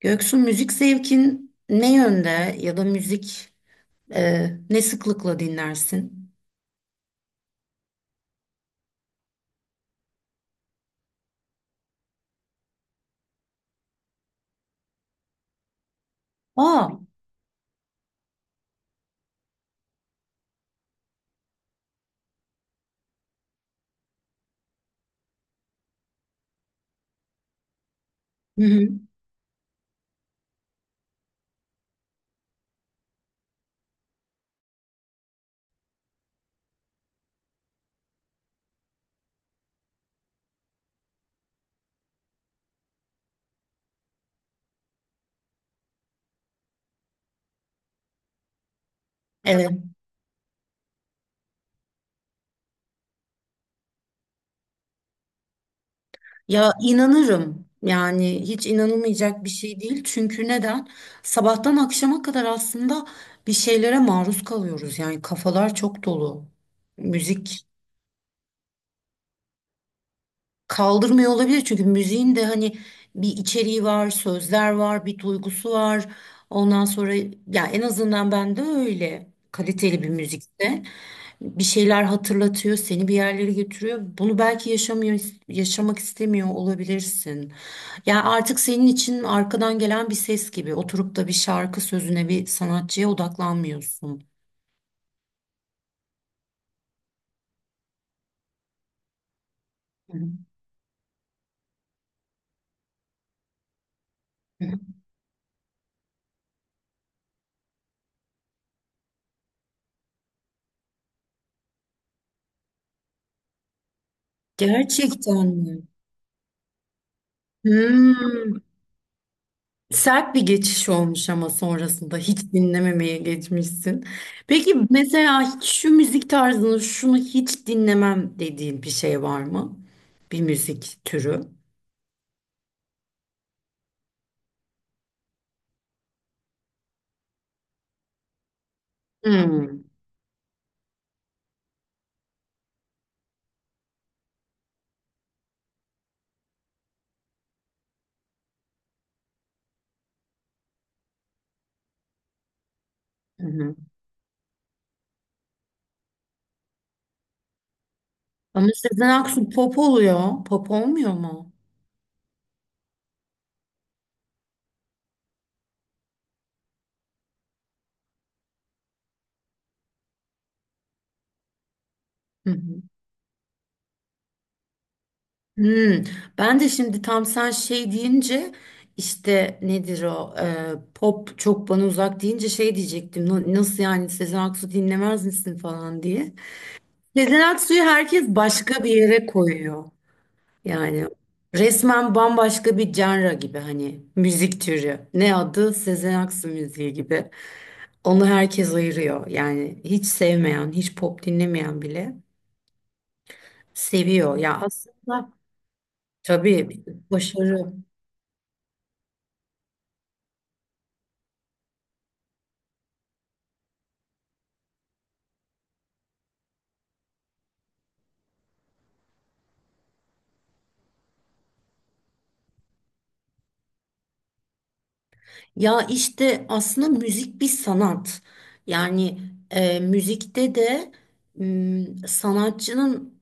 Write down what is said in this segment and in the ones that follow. Göksu, müzik zevkin ne yönde, ya da müzik ne sıklıkla dinlersin? Aa, hı hı. Evet. Ya, inanırım. Yani hiç inanılmayacak bir şey değil. Çünkü neden? Sabahtan akşama kadar aslında bir şeylere maruz kalıyoruz. Yani kafalar çok dolu. Müzik kaldırmıyor olabilir. Çünkü müziğin de hani bir içeriği var, sözler var, bir duygusu var. Ondan sonra ya en azından ben de öyle kaliteli bir müzikte bir şeyler hatırlatıyor, seni bir yerlere götürüyor. Bunu belki yaşamıyor, yaşamak istemiyor olabilirsin. Yani artık senin için arkadan gelen bir ses gibi oturup da bir şarkı sözüne, bir sanatçıya odaklanmıyorsun. Hı hı. Gerçekten mi? Hmm. Sert bir geçiş olmuş ama sonrasında hiç dinlememeye geçmişsin. Peki mesela şu müzik tarzını, şunu hiç dinlemem dediğin bir şey var mı? Bir müzik türü. Hmm. Hı hı. Ama Sezen Aksu pop oluyor. Pop olmuyor mu? Hı hı. Hmm. Ben de şimdi tam sen şey deyince, işte nedir o pop çok bana uzak deyince şey diyecektim. "Na- Nasıl yani Sezen Aksu dinlemez misin" falan diye. Sezen Aksu'yu herkes başka bir yere koyuyor. Yani resmen bambaşka bir genre gibi, hani müzik türü. Ne adı? Sezen Aksu müziği gibi. Onu herkes ayırıyor. Yani hiç sevmeyen, hiç pop dinlemeyen bile seviyor ya aslında. Tabii, başarı. Ya işte aslında müzik bir sanat. Yani müzikte de sanatçının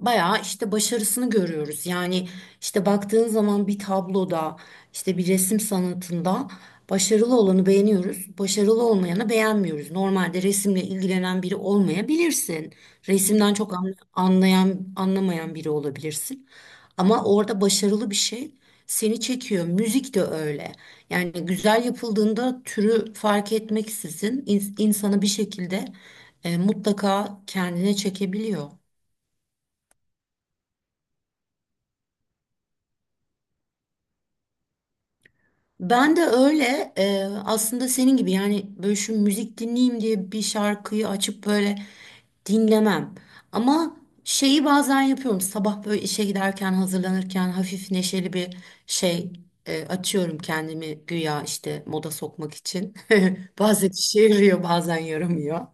bayağı işte başarısını görüyoruz. Yani işte baktığın zaman bir tabloda, işte bir resim sanatında başarılı olanı beğeniyoruz. Başarılı olmayanı beğenmiyoruz. Normalde resimle ilgilenen biri olmayabilirsin. Resimden çok anlayan anlamayan biri olabilirsin. Ama orada başarılı bir şey seni çekiyor. Müzik de öyle. Yani güzel yapıldığında türü fark etmeksizin insanı bir şekilde mutlaka kendine çekebiliyor. Ben de öyle aslında senin gibi, yani böyle şu müzik dinleyeyim diye bir şarkıyı açıp böyle dinlemem. Ama şeyi bazen yapıyorum, sabah böyle işe giderken, hazırlanırken hafif neşeli bir şey açıyorum, kendimi güya işte moda sokmak için. Bazen işe yarıyor, bazen yaramıyor.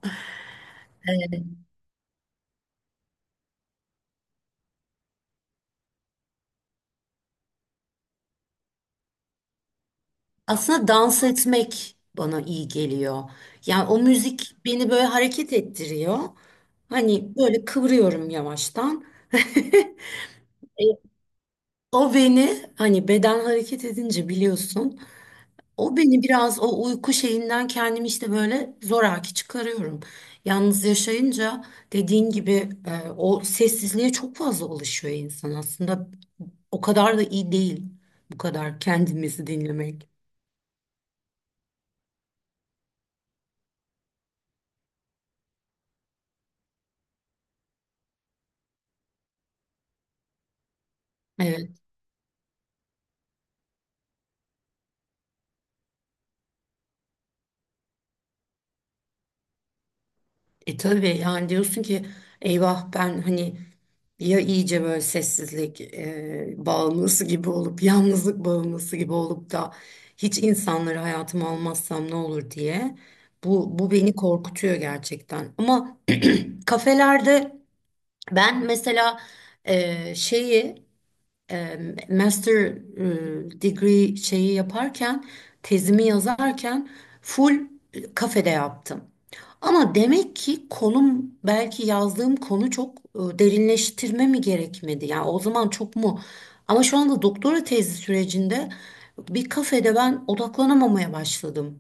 Aslında dans etmek bana iyi geliyor. Yani o müzik beni böyle hareket ettiriyor. Hani böyle kıvırıyorum yavaştan. E, O beni, hani beden hareket edince biliyorsun. O beni biraz o uyku şeyinden, kendimi işte böyle zoraki çıkarıyorum. Yalnız yaşayınca, dediğin gibi o sessizliğe çok fazla alışıyor insan aslında. O kadar da iyi değil bu kadar kendimizi dinlemek. Evet. E, tabii, yani diyorsun ki eyvah, ben hani ya iyice böyle sessizlik bağımlısı gibi olup, yalnızlık bağımlısı gibi olup da hiç insanları hayatıma almazsam ne olur diye. Bu beni korkutuyor gerçekten. Ama kafelerde, ben mesela şeyi e, master degree şeyi yaparken, tezimi yazarken full kafede yaptım. Ama demek ki konum, belki yazdığım konu çok derinleştirme mi gerekmedi? Yani o zaman çok mu? Ama şu anda doktora tezi sürecinde bir kafede ben odaklanamamaya başladım.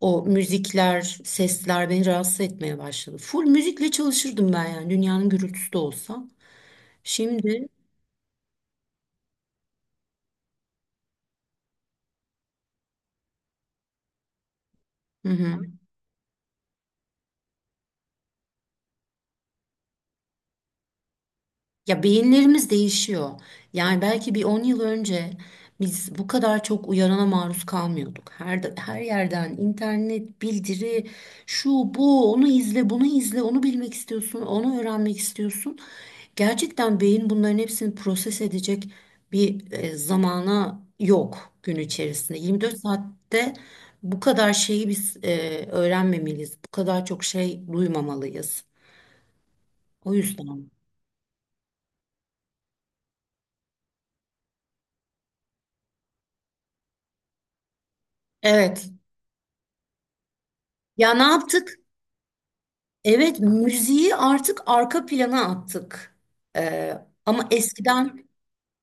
O müzikler, sesler beni rahatsız etmeye başladı. Full müzikle çalışırdım ben, yani dünyanın gürültüsü de olsa. Şimdi hı hı. Ya, beyinlerimiz değişiyor. Yani belki bir 10 yıl önce biz bu kadar çok uyarana maruz kalmıyorduk. Her yerden internet, bildiri, şu bu, onu izle, bunu izle, onu bilmek istiyorsun, onu öğrenmek istiyorsun. Gerçekten beyin bunların hepsini proses edecek bir zamana yok gün içerisinde. 24 saatte bu kadar şeyi biz öğrenmemeliyiz. Bu kadar çok şey duymamalıyız. O yüzden. Evet. Ya, ne yaptık? Evet, müziği artık arka plana attık. Ee, Ama eskiden,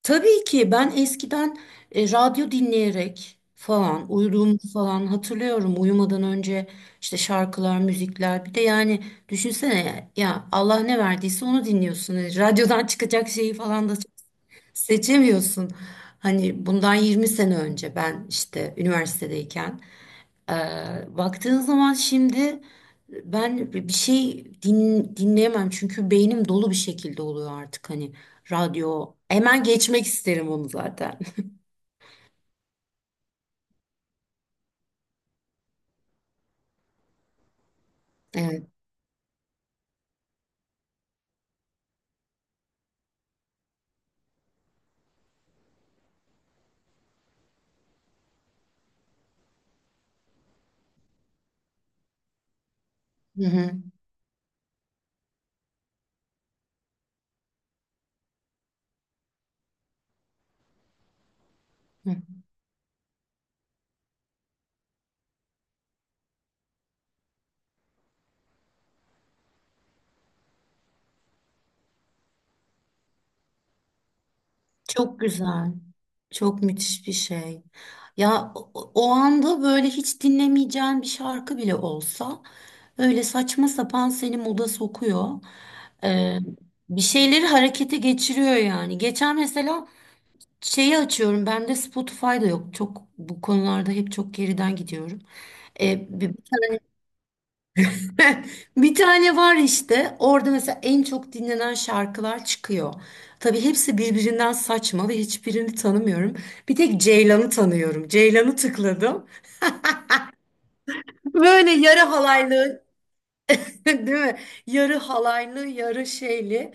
tabii ki ben eskiden radyo dinleyerek falan uyuduğumu falan hatırlıyorum. Uyumadan önce işte şarkılar, müzikler. Bir de yani düşünsene, ya Allah ne verdiyse onu dinliyorsun. E, radyodan çıkacak şeyi falan da seçemiyorsun. Hani bundan 20 sene önce ben işte üniversitedeyken. Baktığın zaman şimdi ben bir şey dinleyemem çünkü beynim dolu bir şekilde oluyor artık, hani radyo. Hemen geçmek isterim onu zaten. Evet. Hı hı. Hı. Çok güzel. Çok müthiş bir şey. Ya o, o anda böyle hiç dinlemeyeceğin bir şarkı bile olsa, öyle saçma sapan seni moda sokuyor. Ee, Bir şeyleri harekete geçiriyor yani. Geçen mesela şeyi açıyorum. Bende Spotify'da yok. Çok bu konularda hep çok geriden gidiyorum. E, bir, bir tane var işte. Orada mesela en çok dinlenen şarkılar çıkıyor. Tabii hepsi birbirinden saçma ve hiçbirini tanımıyorum. Bir tek Ceylan'ı tanıyorum. Ceylan'ı tıkladım. Böyle yarı halaylı, değil mi? Yarı halaylı, yarı şeyli.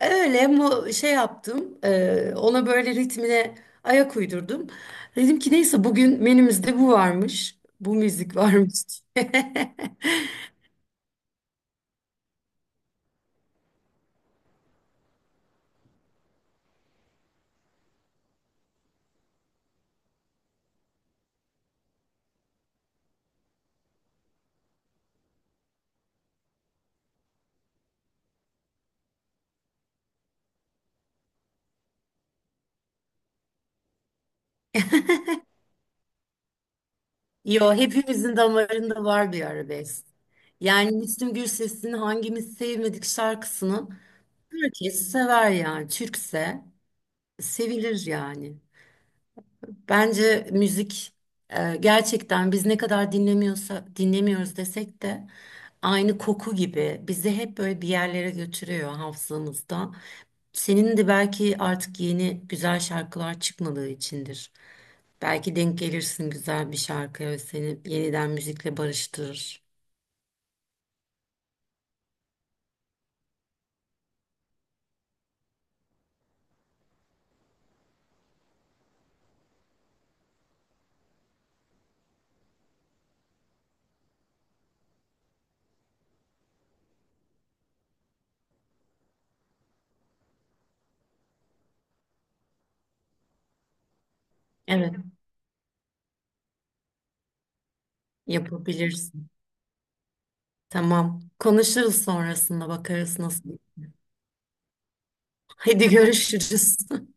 Öyle mu şey yaptım. Ona böyle ritmine ayak uydurdum. Dedim ki neyse, bugün menümüzde bu varmış. Bu müzik varmış. Yo, hepimizin damarında var bir arabesk. Yani Müslüm Gürses'in hangimiz sevmedik şarkısını, herkes sever yani. Türkse sevilir yani. Bence müzik gerçekten biz ne kadar dinlemiyorsa dinlemiyoruz desek de aynı koku gibi bizi hep böyle bir yerlere götürüyor hafızamızda. Senin de belki artık yeni güzel şarkılar çıkmadığı içindir. Belki denk gelirsin güzel bir şarkıya ve seni yeniden müzikle barıştırır. Evet, yapabilirsin. Tamam. Konuşuruz sonrasında, bakarız nasıl. Hadi, görüşürüz.